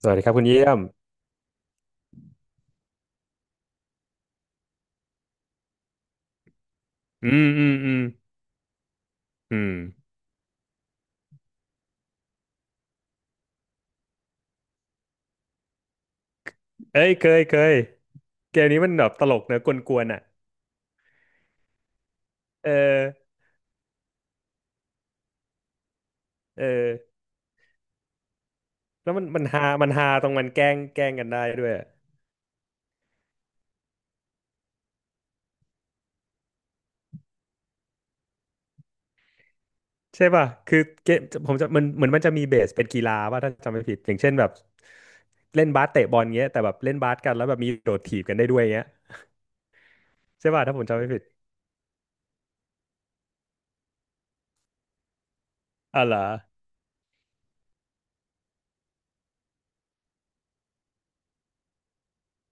สวัสดีครับคุณเยี่ยมอืมอืมอืมอืมเอ้ยเคยเกมนี้มันแบบตลกเนอะกวนๆอ่ะเออเออแล้วมันฮามันฮาตรงมันแกล้งกันได้ด้วยอะใช่ป่ะคือเกมผมจะมันเหมือนมันจะมีเบสเป็นกีฬาว่าถ้าจำไม่ผิดอย่างเช่นแบบเล่นบาสเตะบอลเงี้ยแต่แบบเล่นบาสกันแล้วแบบมีโดดถีบกันได้ด้วยเงี้ยใช่ป่ะถ้าผมจำไม่ผิดอ๋อเหรอ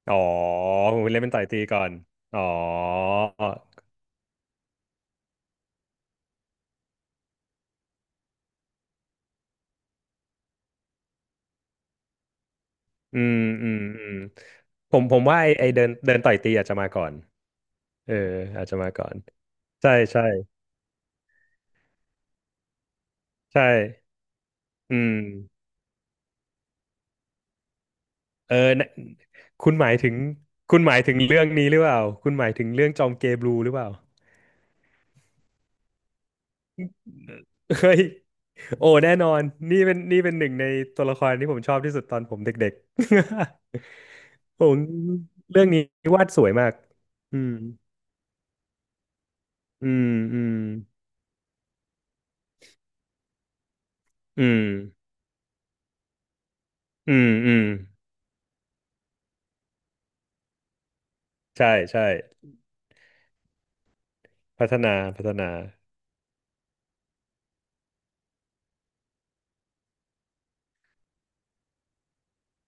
อ๋อผมเล่นเป็นต่อยตีก่อนอ๋อ อืมอืมผมว่าไอไอเดินเดินต่อยตีอาจจะมาก่อนเอออาจจะมาก่อนใช่ใช่ใช่อืมเออน่ะคุณหมายถึงคุณหมายถึงเรื่องนี้หรือเปล่าคุณหมายถึงเรื่องจอมเกย์บลูหรือเปล่า เฮ้ยโอ้แน่นอนนี่เป็นหนึ่งในตัวละครที่ผมชอบที่สุดตอนผมเด็กๆ ผมเรื่องนี้วาดสวยมากอืมอืมอืมอืมอืมใช่ใช่พัฒนา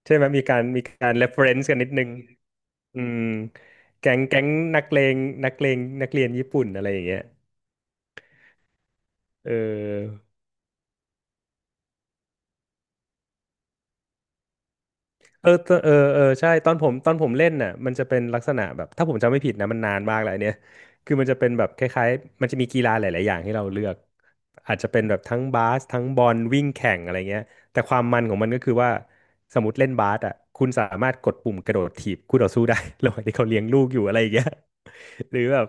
ใช่ไหมมีการ reference กันนิดนึงอืมแก๊งนักเลงนักเรียนญี่ปุ่นอะไรอย่างเงี้ยเออเออใช่ตอนผมเล่นน่ะมันจะเป็นลักษณะแบบถ้าผมจำไม่ผิดนะมันนานมากแล้วอันเนี่ยคือมันจะเป็นแบบคล้ายๆมันจะมีกีฬาหลายๆอย่างให้เราเลือกอาจจะเป็นแบบทั้งบาสทั้งบอลวิ่งแข่งอะไรเงี้ยแต่ความมันของมันก็คือว่าสมมติเล่นบาสอ่ะคุณสามารถกดปุ่มกระโดดถีบคู่ต่อสู้ได้ ระหว่างที่เขาเลี้ยงลูกอยู่อะไรอย่างเงี้ย หรือแบบ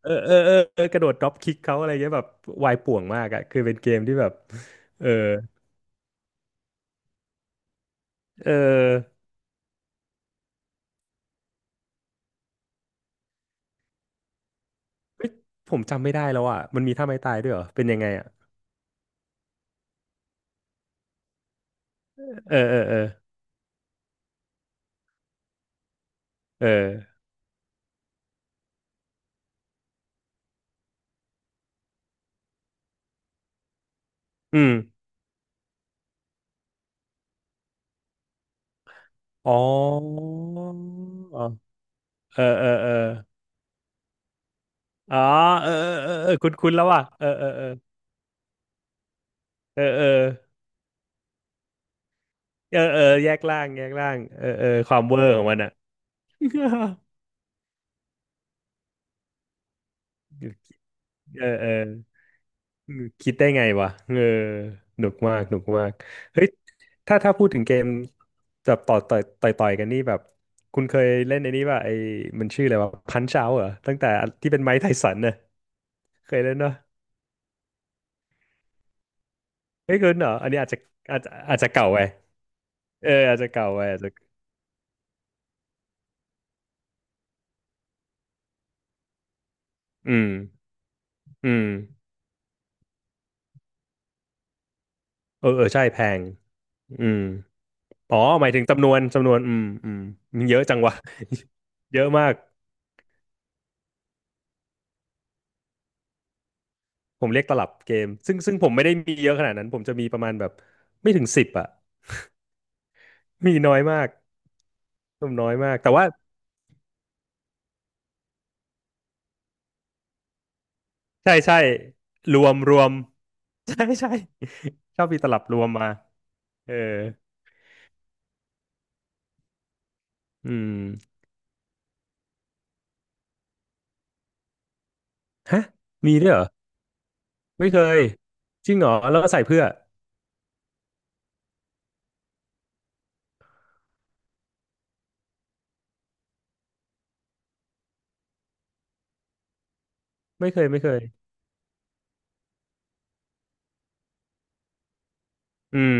เออกระโดดดรอปคิกเขาอะไรเงี้ยแบบวายป่วงมากอะคือเป็นเกมที่แบบเออเออผมจำไม่ได้แล้วอะมันมีท่าไม้ตายด้วยเหรอเป็นยังไงอะเออเออเออเอออืมอ๋อเอออ๋อเออคุ้นคุ้นแล้วว่ะเออเออเออเออเออเออเออแยกล่างเออเออความเวอร์ของมันอะ เออเออ คิดได้ไงวะเออหนุกมากเฮ้ย ถ้าพูดถึงเกมแบบต่อต่อยกันนี่แบบคุณเคยเล่นในนี้ป่ะไอ้มันชื่ออะไรวะพันช์เอาเหรอตั้งแต่ที่เป็นไมค์ไทสันน่ะเคยเล่นเนาะเฮ้ยคุณเหรออันนี้อาจจะอาจจะเก่าไปเอออาจจะเก่าไปอาจจะอืมอืมเออเออใช่แพงอืมอ๋อหมายถึงจำนวนอืมอืมมันเยอะจังวะ เยอะมาก ผมเรียกตลับเกมซึ่งผมไม่ได้มีเยอะขนาดนั้นผมจะมีประมาณแบบไม่ถึงสิบอะมีน้อยมากผมน้อยมากแต่ว่าใช่ใช่รวม ใช่ใช่ชอบมีตลับรวมมาเอออืมฮะมีด้วยเหรอไม่เคยจริงเหรอแล้วใส่เพื่อไม่เคยอืม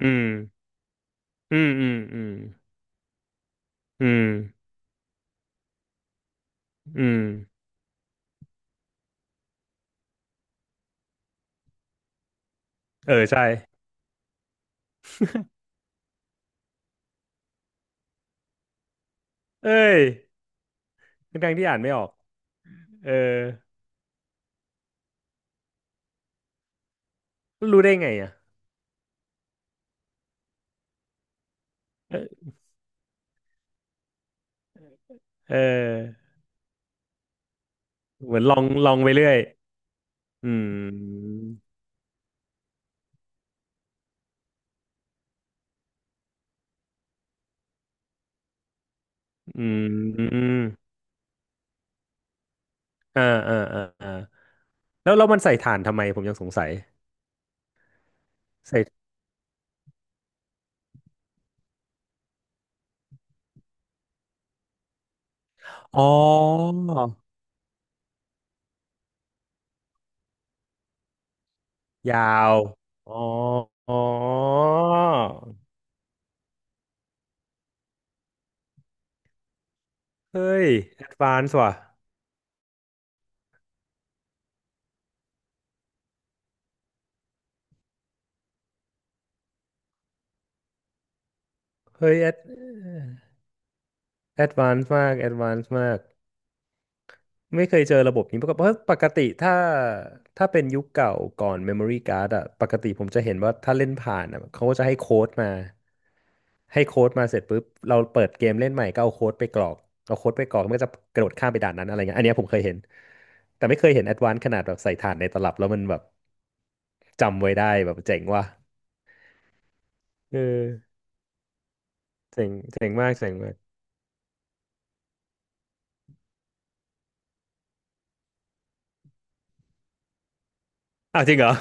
อืมอืมอืมอืมอืมอืมเออใช่เอ้ยทนกงรที่อ่านไม่ออกเออรู้ได้ไงอ่ะเออเออเหมือนลองลองไปเรื่อย อืมอืมอ่าอ่าแล้วแล้วมันใส่ถ่านทำไมผมยังสงสัยใส่อ๋อยาวอ๋ออ๋อเฮ้ยแอดวานซ์ว่ะ เฮ้ยแอดวานซ์มากแอดวานซ์มาก ไม่เคยเจอระบบนี้มาก่อนเพราะปกติถ้าถ้าเป็นยุคเก่าก่อน Memory Card อะปกติผมจะเห็นว่าถ้าเล่นผ่านอะเขาก็จะให้โค้ดมาเสร็จปุ๊บเราเปิดเกมเล่นใหม่ก็เอาโค้ดไปกรอกเอาโค้ดไปกรอกมันก็จะกระโดดข้ามไปด่านนั้นอะไรเงี้ยอันเนี้ยผมเคยเห็นแต่ไม่เคยเห็นแอดวานซ์ขนาดแบบใส่ฐานในตลับแล้วมันแบบจำไว้ได้แบบเจ๋งว่ะเออเจ๋งเจ๋งมากอ้าวจริงเหรอ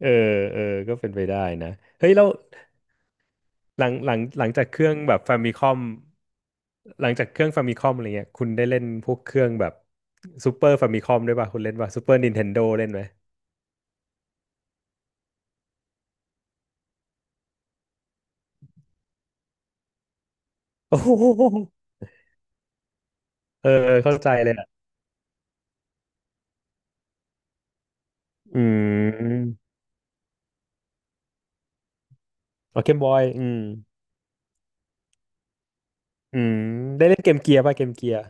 เออเออก็เป็นไปได้นะเฮ้ยแล้ว หลังจากเครื่องแบบฟามิคอมหลังจากเครื่องฟามิคอมอะไรเงี้ยคุณได้เล่นพวกเครื่องแบบซูเปอร์ฟามิคอมด้วยป่ะคุณเล่นป่ะซูเปอร์นินเทนโดเล่นไหมโอ้โหเออเข้าใจเลยอ่ะอืมอ๋อเกมบอยอืมอืมได้เล่นเกมเกียร์ป่ะเกมเกียร์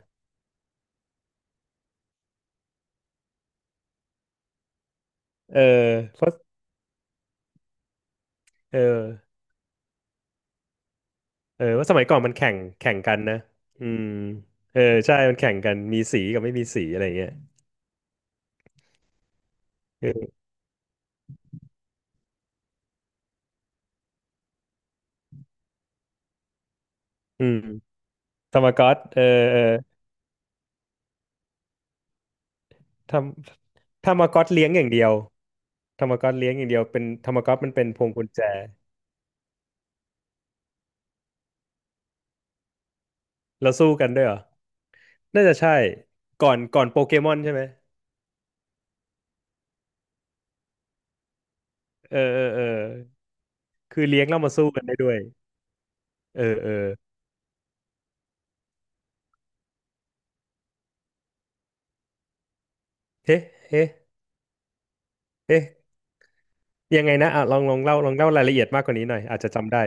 เออเพราะเออเออว่าสมัยก่อนมันแข่งกันนะอืมเออใช่มันแข่งกันมีสีกับไม่มีสีอะไรเงี้ยเอออืมทามากอตเออเออทำทามากอตเลี้ยงอย่างเดียว ธรรมก๊อตเลี้ยงอย่างเดียวเป็นธรรมก๊อตมันเป็นพวงกุญแจ เราสู้กันด้วยเหรอ น่าจะใช่ก่อนโปเกมอนใช่ไหม เออคือเลี้ยงแล้วมาสู้กันได้ด้วยเออเออเฮ้เฮ้เฮ้ยังไงนะอ่ะลองลองเล่าลองเล่ารายละเอียดมากกว่านี้หน่อยอาจจะจำได้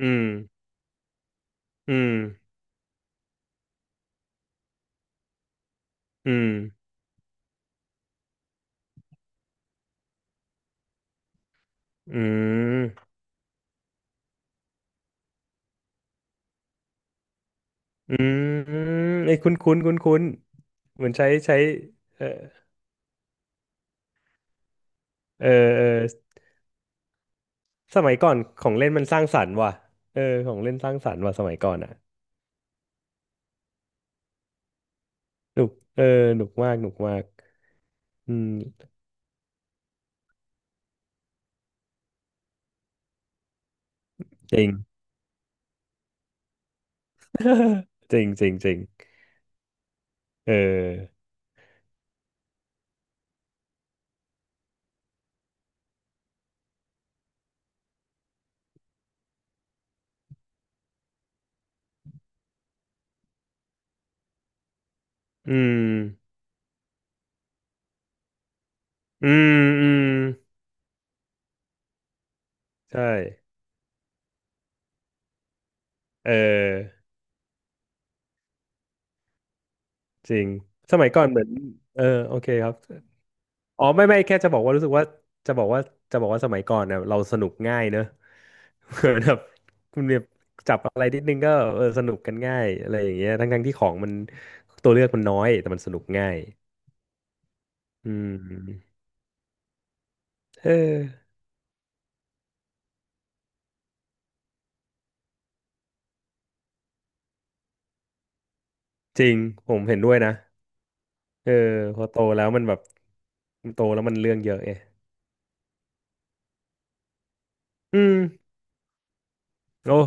อืมอืมอืมอืมอืมไอ้ยคุ้นคุ้นคุ้นคุ้นๆเหมือนใช้ใช้เออเออเออสมัยก่อนของเล่นมันสร้างสรรค์ว่ะเออของเล่นสร้างสรรค์ว่ะสมัยก่อนอ่ะ หนุกเออหนุกมากอืมจริง จริงจริงจริงเอออืมอือืมใช่เออจริง สมัยก่อนเหมือนเออโอเคครับอ๋อไม่แค่จะบอกว่ารู้สึกว่าจะบอกว่าจะบอกว่าสมัยก่อนเนี่ยเราสนุกง่ายเนอะ เหมือนแบบคุณเนี่บจับอะไรนิดนึงก็เออสนุกกันง่ายอะไรอย่างเงี้ยทั้งที่ของมันตัวเลือกมันน้อย แต่มันสนุกง่ายอืมเออจริง ผมเห็นด้วยนะ เออพอโตแล้วมันแบบมันโตแล้วมันเรื่องเยอะไงอืมโอ้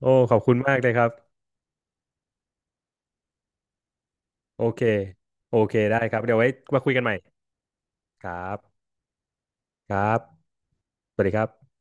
โอ้ขอบคุณมากเลยครับโอเคโอเคได้ครับเดี๋ยวไว้มาคุยกันใหม่ครับครับสวัสดีครับ